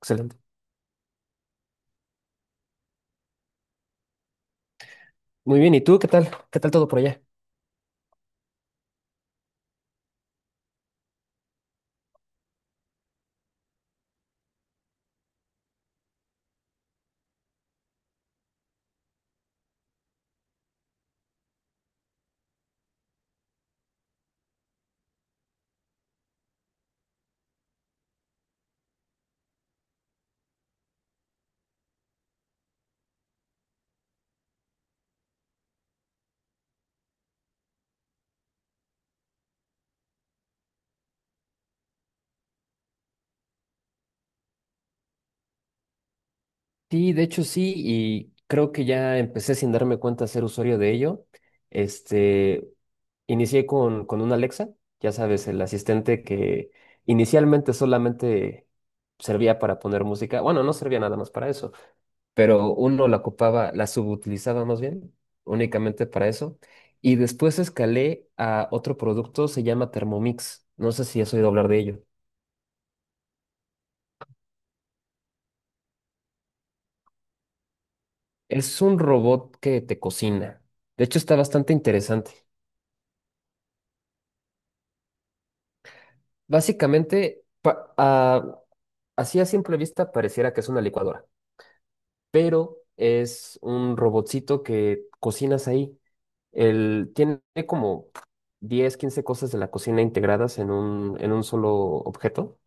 Excelente. Muy bien, ¿y tú qué tal? ¿Qué tal todo por allá? Sí, de hecho sí, y creo que ya empecé sin darme cuenta a ser usuario de ello. Este, Inicié con una Alexa, ya sabes, el asistente que inicialmente solamente servía para poner música. Bueno, no servía nada más para eso, pero uno la ocupaba, la subutilizaba más bien, únicamente para eso. Y después escalé a otro producto, se llama Thermomix. No sé si has oído hablar de ello. Es un robot que te cocina. De hecho, está bastante interesante. Básicamente, así a simple vista pareciera que es una licuadora, pero es un robotcito que cocinas ahí. Él tiene como 10, 15 cosas de la cocina integradas en un solo objeto.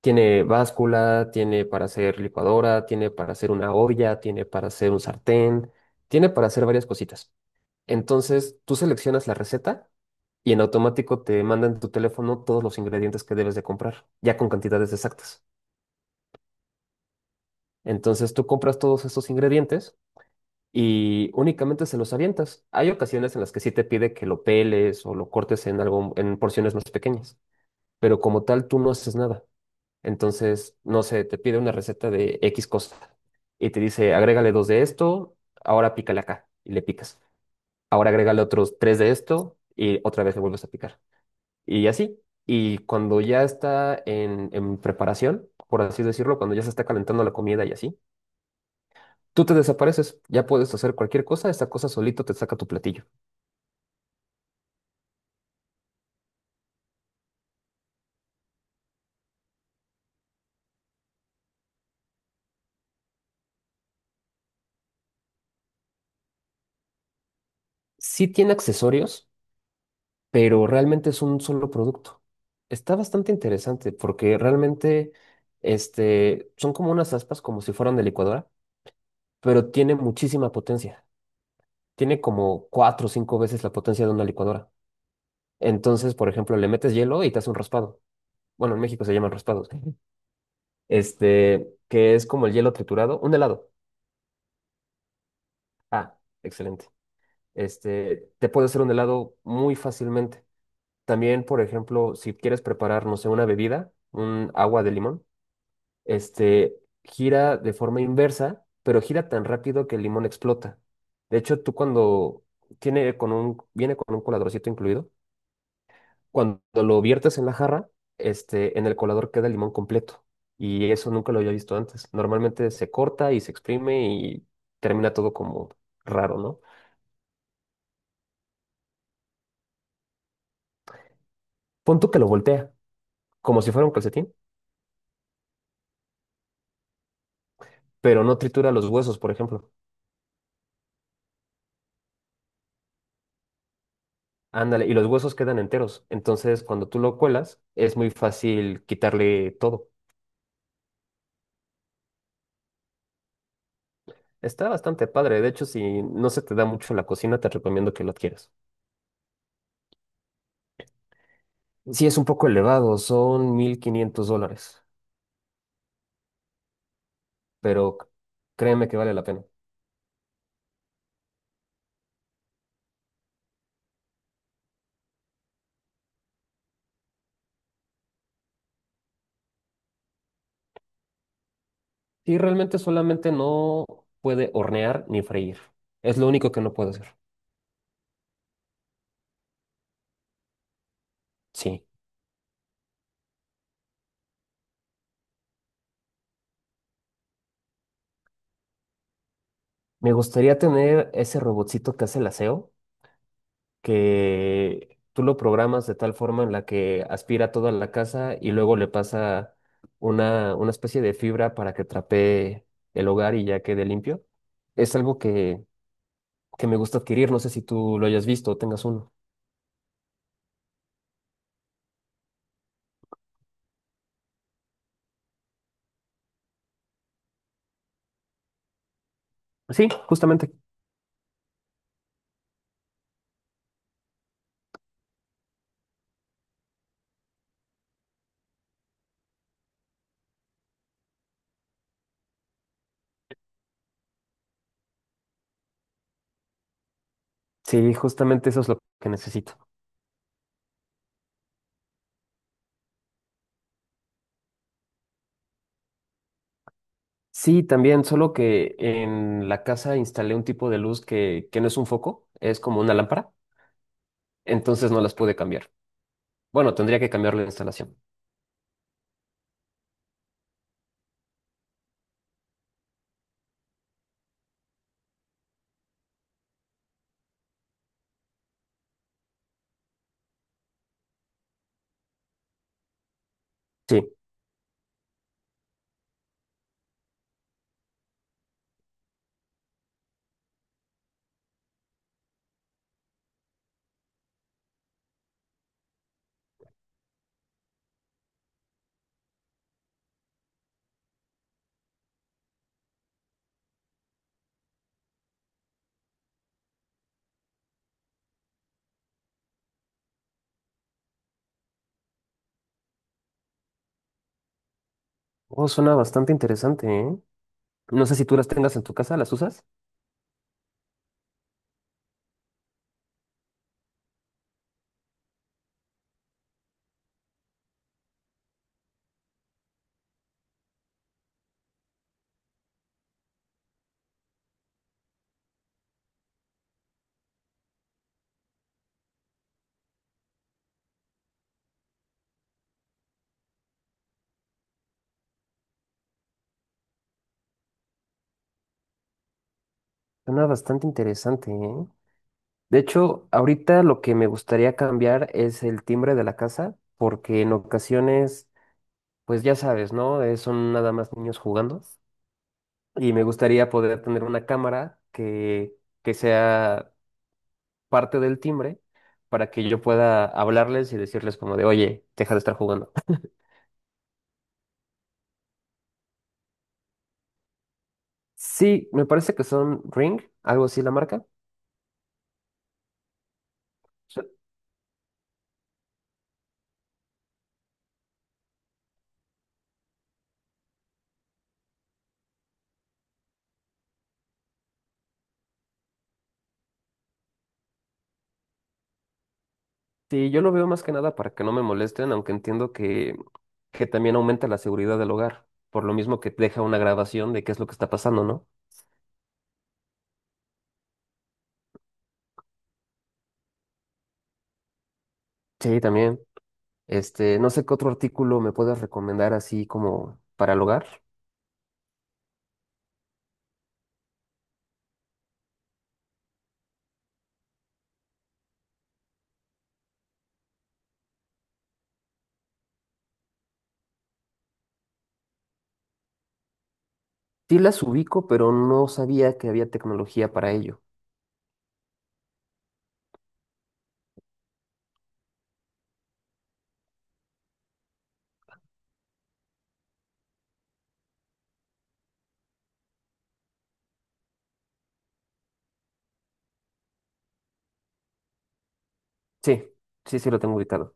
Tiene báscula, tiene para hacer licuadora, tiene para hacer una olla, tiene para hacer un sartén, tiene para hacer varias cositas. Entonces, tú seleccionas la receta y en automático te manda en tu teléfono todos los ingredientes que debes de comprar, ya con cantidades exactas. Entonces, tú compras todos estos ingredientes y únicamente se los avientas. Hay ocasiones en las que sí te pide que lo peles o lo cortes en algo, en porciones más pequeñas, pero como tal tú no haces nada. Entonces, no sé, te pide una receta de X cosa y te dice, agrégale dos de esto, ahora pícale acá y le picas. Ahora agrégale otros tres de esto y otra vez le vuelves a picar. Y así. Y cuando ya está en preparación, por así decirlo, cuando ya se está calentando la comida y así, tú te desapareces. Ya puedes hacer cualquier cosa, esta cosa solito te saca tu platillo. Sí tiene accesorios, pero realmente es un solo producto. Está bastante interesante porque realmente son como unas aspas como si fueran de licuadora, pero tiene muchísima potencia. Tiene como cuatro o cinco veces la potencia de una licuadora. Entonces, por ejemplo, le metes hielo y te hace un raspado. Bueno, en México se llaman raspados. Ujú. Que es como el hielo triturado, un helado. Ah, excelente. Te puede hacer un helado muy fácilmente. También, por ejemplo, si quieres preparar, no sé, una bebida, un agua de limón, este, gira de forma inversa, pero gira tan rápido que el limón explota. De hecho, tú cuando viene con un coladorcito incluido, cuando lo viertes en la jarra, en el colador queda el limón completo. Y eso nunca lo había visto antes. Normalmente se corta y se exprime y termina todo como raro, ¿no? Pon tú que lo voltea, como si fuera un calcetín, pero no tritura los huesos, por ejemplo. Ándale, y los huesos quedan enteros. Entonces, cuando tú lo cuelas, es muy fácil quitarle todo. Está bastante padre. De hecho, si no se te da mucho la cocina, te recomiendo que lo adquieras. Sí, es un poco elevado, son $1500, pero c- créeme que vale la pena. Y realmente solamente no puede hornear ni freír. Es lo único que no puede hacer. Sí. Me gustaría tener ese robotcito que hace el aseo, que tú lo programas de tal forma en la que aspira toda la casa y luego le pasa una especie de fibra para que trapee el hogar y ya quede limpio. Es algo que me gusta adquirir, no sé si tú lo hayas visto o tengas uno. Sí, justamente. Sí, justamente eso es lo que necesito. Sí, también, solo que en la casa instalé un tipo de luz que no es un foco, es como una lámpara, entonces no las pude cambiar. Bueno, tendría que cambiar la instalación. Sí. Oh, suena bastante interesante, ¿eh? No sé si tú las tengas en tu casa, ¿las usas? Suena bastante interesante, ¿eh? De hecho, ahorita lo que me gustaría cambiar es el timbre de la casa, porque en ocasiones, pues ya sabes, ¿no? Son nada más niños jugando. Y me gustaría poder tener una cámara que sea parte del timbre para que yo pueda hablarles y decirles como de, oye, deja de estar jugando. Sí, me parece que son Ring, algo así la marca. Sí, yo lo veo más que nada para que no me molesten, aunque entiendo que también aumenta la seguridad del hogar, por lo mismo que deja una grabación de qué es lo que está pasando, ¿no? Sí, también. No sé qué otro artículo me puedas recomendar así como para el hogar. Sí las ubico, pero no sabía que había tecnología para ello. Sí, sí, sí lo tengo ubicado.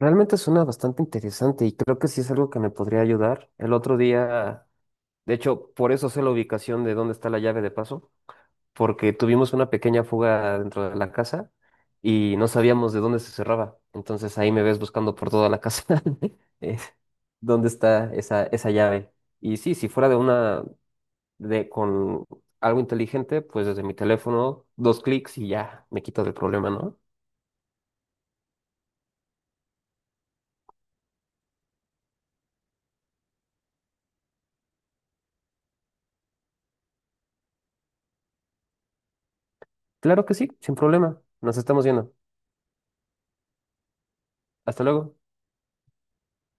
Realmente suena bastante interesante y creo que sí es algo que me podría ayudar. El otro día, de hecho, por eso sé la ubicación de dónde está la llave de paso porque tuvimos una pequeña fuga dentro de la casa y no sabíamos de dónde se cerraba. Entonces ahí me ves buscando por toda la casa eh, dónde está esa llave. Y sí, si fuera de una, de con algo inteligente, pues desde mi teléfono, dos clics y ya me quito del problema, ¿no? Claro que sí, sin problema. Nos estamos viendo. Hasta luego.